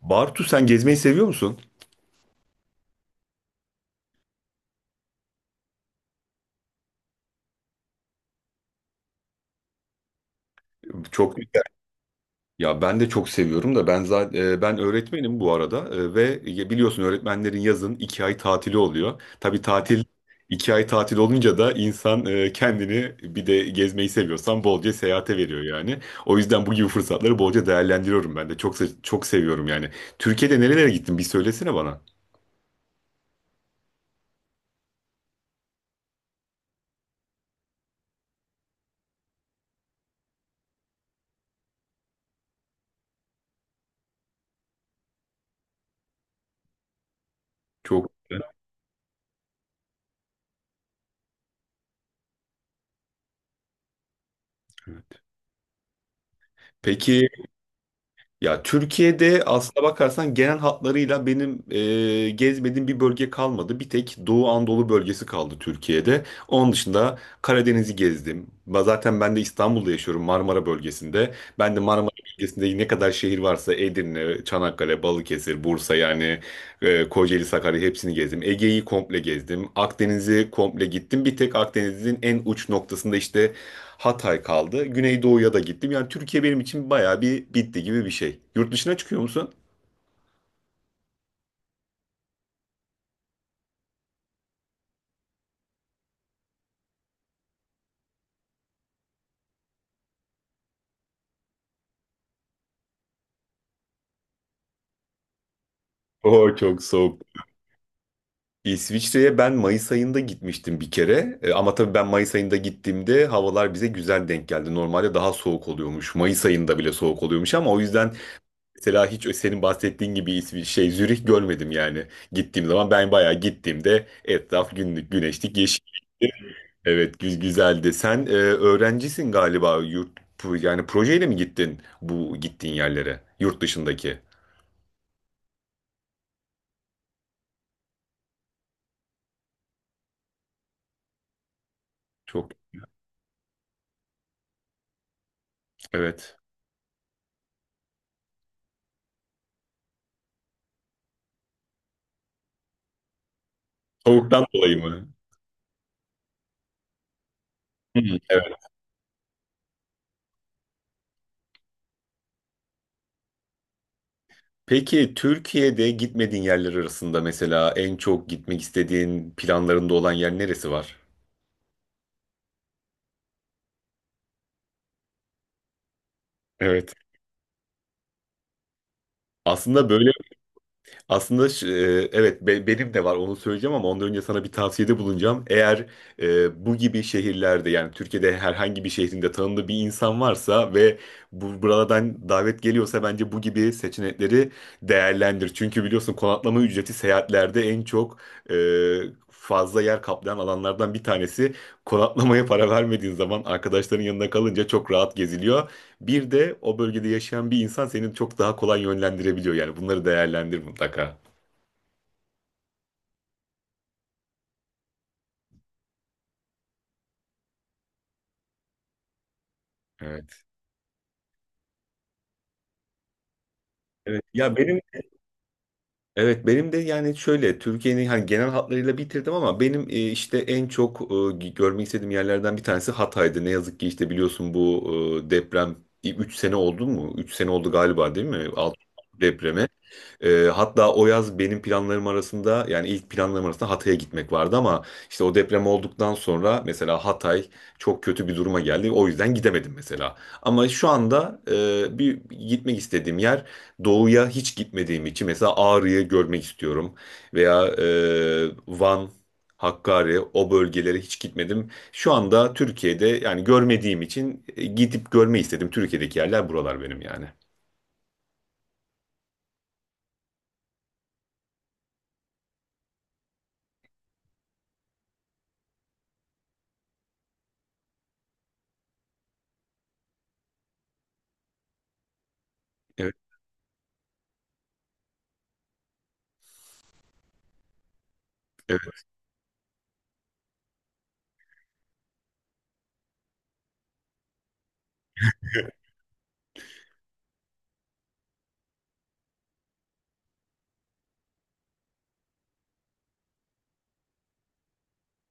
Bartu, sen gezmeyi seviyor musun? Çok güzel. Ya ben de çok seviyorum da ben zaten öğretmenim bu arada, ve ya biliyorsun öğretmenlerin yazın 2 ay tatili oluyor. Tabii tatil 2 ay tatil olunca da insan kendini, bir de gezmeyi seviyorsan, bolca seyahate veriyor yani. O yüzden bu gibi fırsatları bolca değerlendiriyorum ben de. Çok çok seviyorum yani. Türkiye'de nerelere gittin? Bir söylesene bana. Çok. Evet. Peki. Ya Türkiye'de aslına bakarsan genel hatlarıyla benim gezmediğim bir bölge kalmadı. Bir tek Doğu Anadolu bölgesi kaldı Türkiye'de. Onun dışında Karadeniz'i gezdim. Zaten ben de İstanbul'da yaşıyorum, Marmara bölgesinde. Ben de Marmara bölgesinde ne kadar şehir varsa Edirne, Çanakkale, Balıkesir, Bursa yani Kocaeli, Sakarya, hepsini gezdim. Ege'yi komple gezdim. Akdeniz'i komple gittim. Bir tek Akdeniz'in en uç noktasında işte Hatay kaldı. Güneydoğu'ya da gittim. Yani Türkiye benim için bayağı bir bitti gibi bir şey. Yurt dışına çıkıyor musun? O çok soğuk. İsviçre'ye ben Mayıs ayında gitmiştim bir kere. Ama tabii ben Mayıs ayında gittiğimde havalar bize güzel denk geldi. Normalde daha soğuk oluyormuş. Mayıs ayında bile soğuk oluyormuş ama o yüzden mesela hiç senin bahsettiğin gibi bir şey Zürih görmedim yani. Gittiğim zaman ben bayağı, gittiğimde etraf günlük güneşlik, yeşil. Evet, güzeldi. Sen öğrencisin galiba, yani projeyle mi gittin bu gittiğin yerlere, yurt dışındaki? Çok, evet. Soğuktan dolayı mı? Hı, evet. Peki Türkiye'de gitmediğin yerler arasında mesela en çok gitmek istediğin, planlarında olan yer neresi var? Evet. Aslında böyle Aslında şu- e, evet be- benim de var, onu söyleyeceğim ama ondan önce sana bir tavsiyede bulunacağım. Eğer bu gibi şehirlerde, yani Türkiye'de herhangi bir şehrinde tanıdığı bir insan varsa ve buralardan davet geliyorsa, bence bu gibi seçenekleri değerlendir. Çünkü biliyorsun konaklama ücreti seyahatlerde en çok, e, fazla yer kaplayan alanlardan bir tanesi. Konaklamaya para vermediğin zaman, arkadaşların yanında kalınca, çok rahat geziliyor. Bir de o bölgede yaşayan bir insan seni çok daha kolay yönlendirebiliyor, yani bunları değerlendir mutlaka. Evet. Evet. Ya benim, evet, benim de yani şöyle, Türkiye'nin hani genel hatlarıyla bitirdim ama benim işte en çok görmek istediğim yerlerden bir tanesi Hatay'dı. Ne yazık ki işte biliyorsun bu deprem, 3 sene oldu mu? 3 sene oldu galiba, değil mi? 6 depremi. Hatta o yaz benim planlarım arasında, yani ilk planlarım arasında Hatay'a gitmek vardı ama işte o deprem olduktan sonra mesela Hatay çok kötü bir duruma geldi. O yüzden gidemedim mesela. Ama şu anda bir gitmek istediğim yer, doğuya hiç gitmediğim için, mesela Ağrı'yı görmek istiyorum veya Van, Hakkari, o bölgelere hiç gitmedim. Şu anda Türkiye'de yani görmediğim için gidip görmeyi istedim. Türkiye'deki yerler, buralar benim yani. Evet, evet,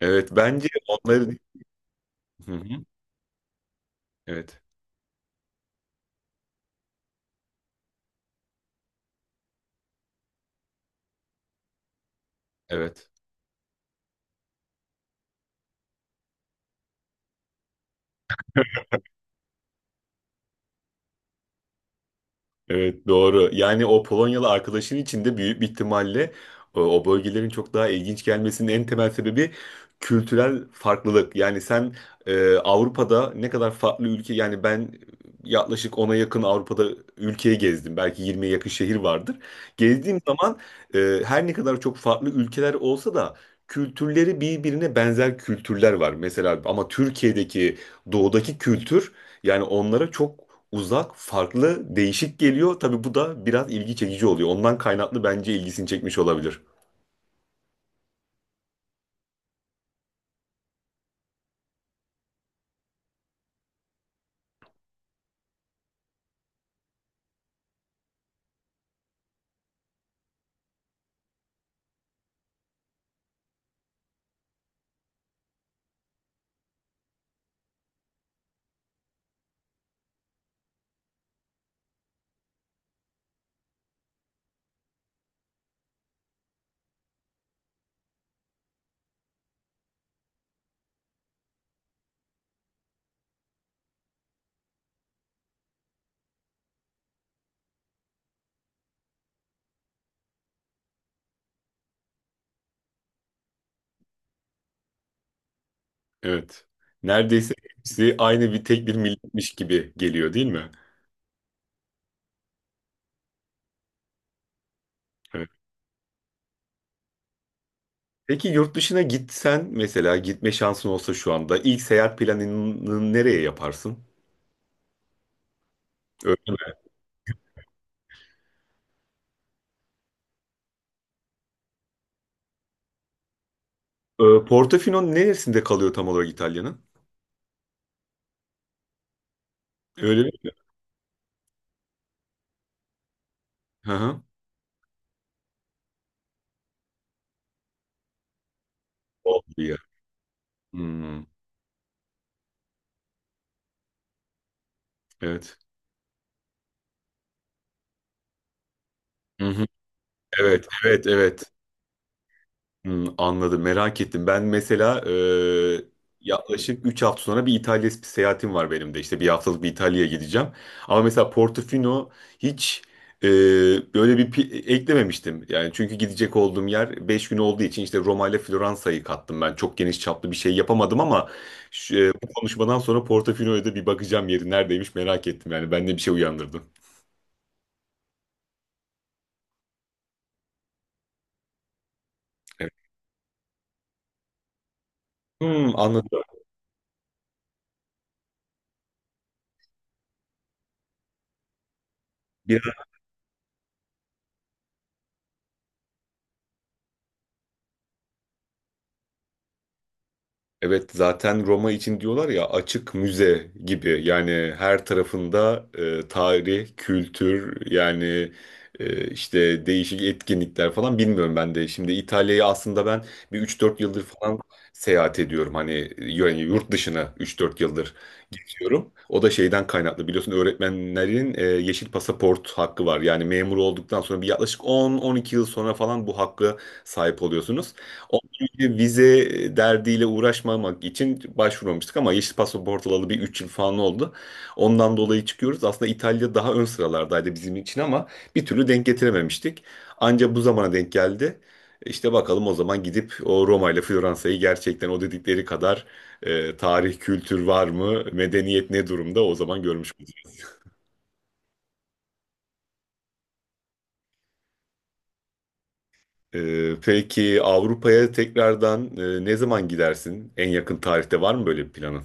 evet. Bence onların Hı hı. Evet. Evet. Evet, doğru. Yani o Polonyalı arkadaşın için de büyük bir ihtimalle o bölgelerin çok daha ilginç gelmesinin en temel sebebi kültürel farklılık. Yani sen Avrupa'da ne kadar farklı ülke, yani ben yaklaşık 10'a yakın Avrupa'da ülkeyi gezdim. Belki 20'ye yakın şehir vardır. Gezdiğim zaman her ne kadar çok farklı ülkeler olsa da kültürleri birbirine benzer kültürler var. Mesela ama Türkiye'deki doğudaki kültür, yani onlara çok uzak, farklı, değişik geliyor. Tabii bu da biraz ilgi çekici oluyor. Ondan kaynaklı bence ilgisini çekmiş olabilir. Evet. Neredeyse hepsi aynı, bir tek bir milletmiş gibi geliyor, değil mi? Evet. Peki yurt dışına gitsen, mesela gitme şansın olsa, şu anda ilk seyahat planını nereye yaparsın? Öyle mi? Portofino neresinde kalıyor tam olarak, İtalya'nın? Öyle mi? Hı hı. Oldu ya. Hmm, evet. Hı hı. Evet, evet, evet. Hmm, anladım, merak ettim. Ben mesela yaklaşık 3 hafta sonra bir İtalya seyahatim var benim de. İşte bir haftalık bir İtalya'ya gideceğim. Ama mesela Portofino hiç e, böyle bir eklememiştim. Yani çünkü gidecek olduğum yer 5 gün olduğu için işte Roma ile Floransa'yı kattım ben. Çok geniş çaplı bir şey yapamadım ama bu konuşmadan sonra Portofino'ya da bir bakacağım, yeri neredeymiş, merak ettim. Yani bende bir şey uyandırdı. Evet. Hmm, anladım. Evet, zaten Roma için diyorlar ya, açık müze gibi, yani her tarafında tarih, kültür, yani işte değişik etkinlikler falan, bilmiyorum ben de. Şimdi İtalya'yı aslında ben bir üç dört yıldır falan seyahat ediyorum hani, yani yurt dışına 3-4 yıldır geziyorum. O da şeyden kaynaklı, biliyorsun öğretmenlerin yeşil pasaport hakkı var, yani memur olduktan sonra bir yaklaşık on on iki yıl sonra falan bu hakkı sahip oluyorsunuz. Vize derdiyle uğraşmamak için başvurmamıştık ama yeşil pasaport alalı bir 3 yıl falan oldu. Ondan dolayı çıkıyoruz. Aslında İtalya daha ön sıralardaydı bizim için ama bir türlü denk getirememiştik. Anca bu zamana denk geldi. İşte bakalım o zaman gidip o Roma ile Floransa'yı gerçekten o dedikleri kadar tarih, kültür var mı, medeniyet ne durumda, o zaman görmüş oluruz. Peki Avrupa'ya tekrardan ne zaman gidersin? En yakın tarihte var mı böyle bir planın?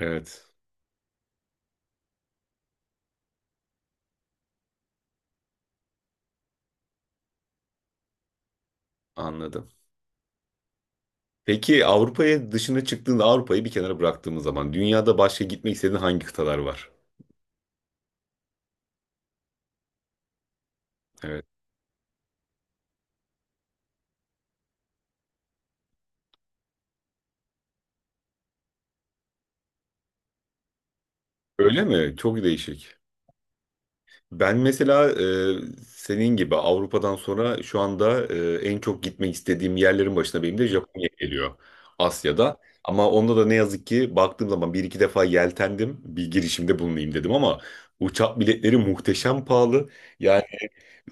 Evet, anladım. Peki Avrupa'ya dışına çıktığında, Avrupa'yı bir kenara bıraktığımız zaman, dünyada başka gitmek istediğin hangi kıtalar var? Evet. Öyle mi? Çok değişik. Ben mesela senin gibi Avrupa'dan sonra şu anda en çok gitmek istediğim yerlerin başına benim de Japonya geliyor. Asya'da. Ama onda da ne yazık ki baktığım zaman bir iki defa yeltendim. Bir girişimde bulunayım dedim ama uçak biletleri muhteşem pahalı. Yani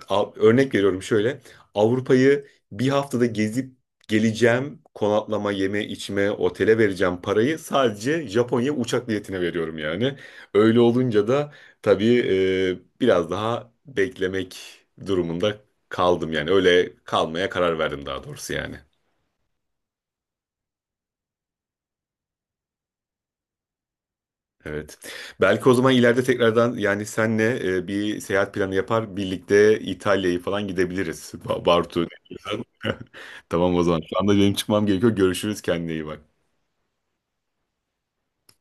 Örnek veriyorum şöyle. Avrupa'yı bir haftada gezip geleceğim. Konaklama, yeme, içme, otele vereceğim parayı sadece Japonya uçak biletine veriyorum yani. Öyle olunca da tabii biraz daha beklemek durumunda kaldım yani. Öyle kalmaya karar verdim daha doğrusu yani. Evet. Belki o zaman ileride tekrardan, yani senle bir seyahat planı yapar, birlikte İtalya'yı falan gidebiliriz. Bartu, ne diyorsun? Tamam o zaman. Şu anda benim çıkmam gerekiyor. Görüşürüz, kendine iyi bak.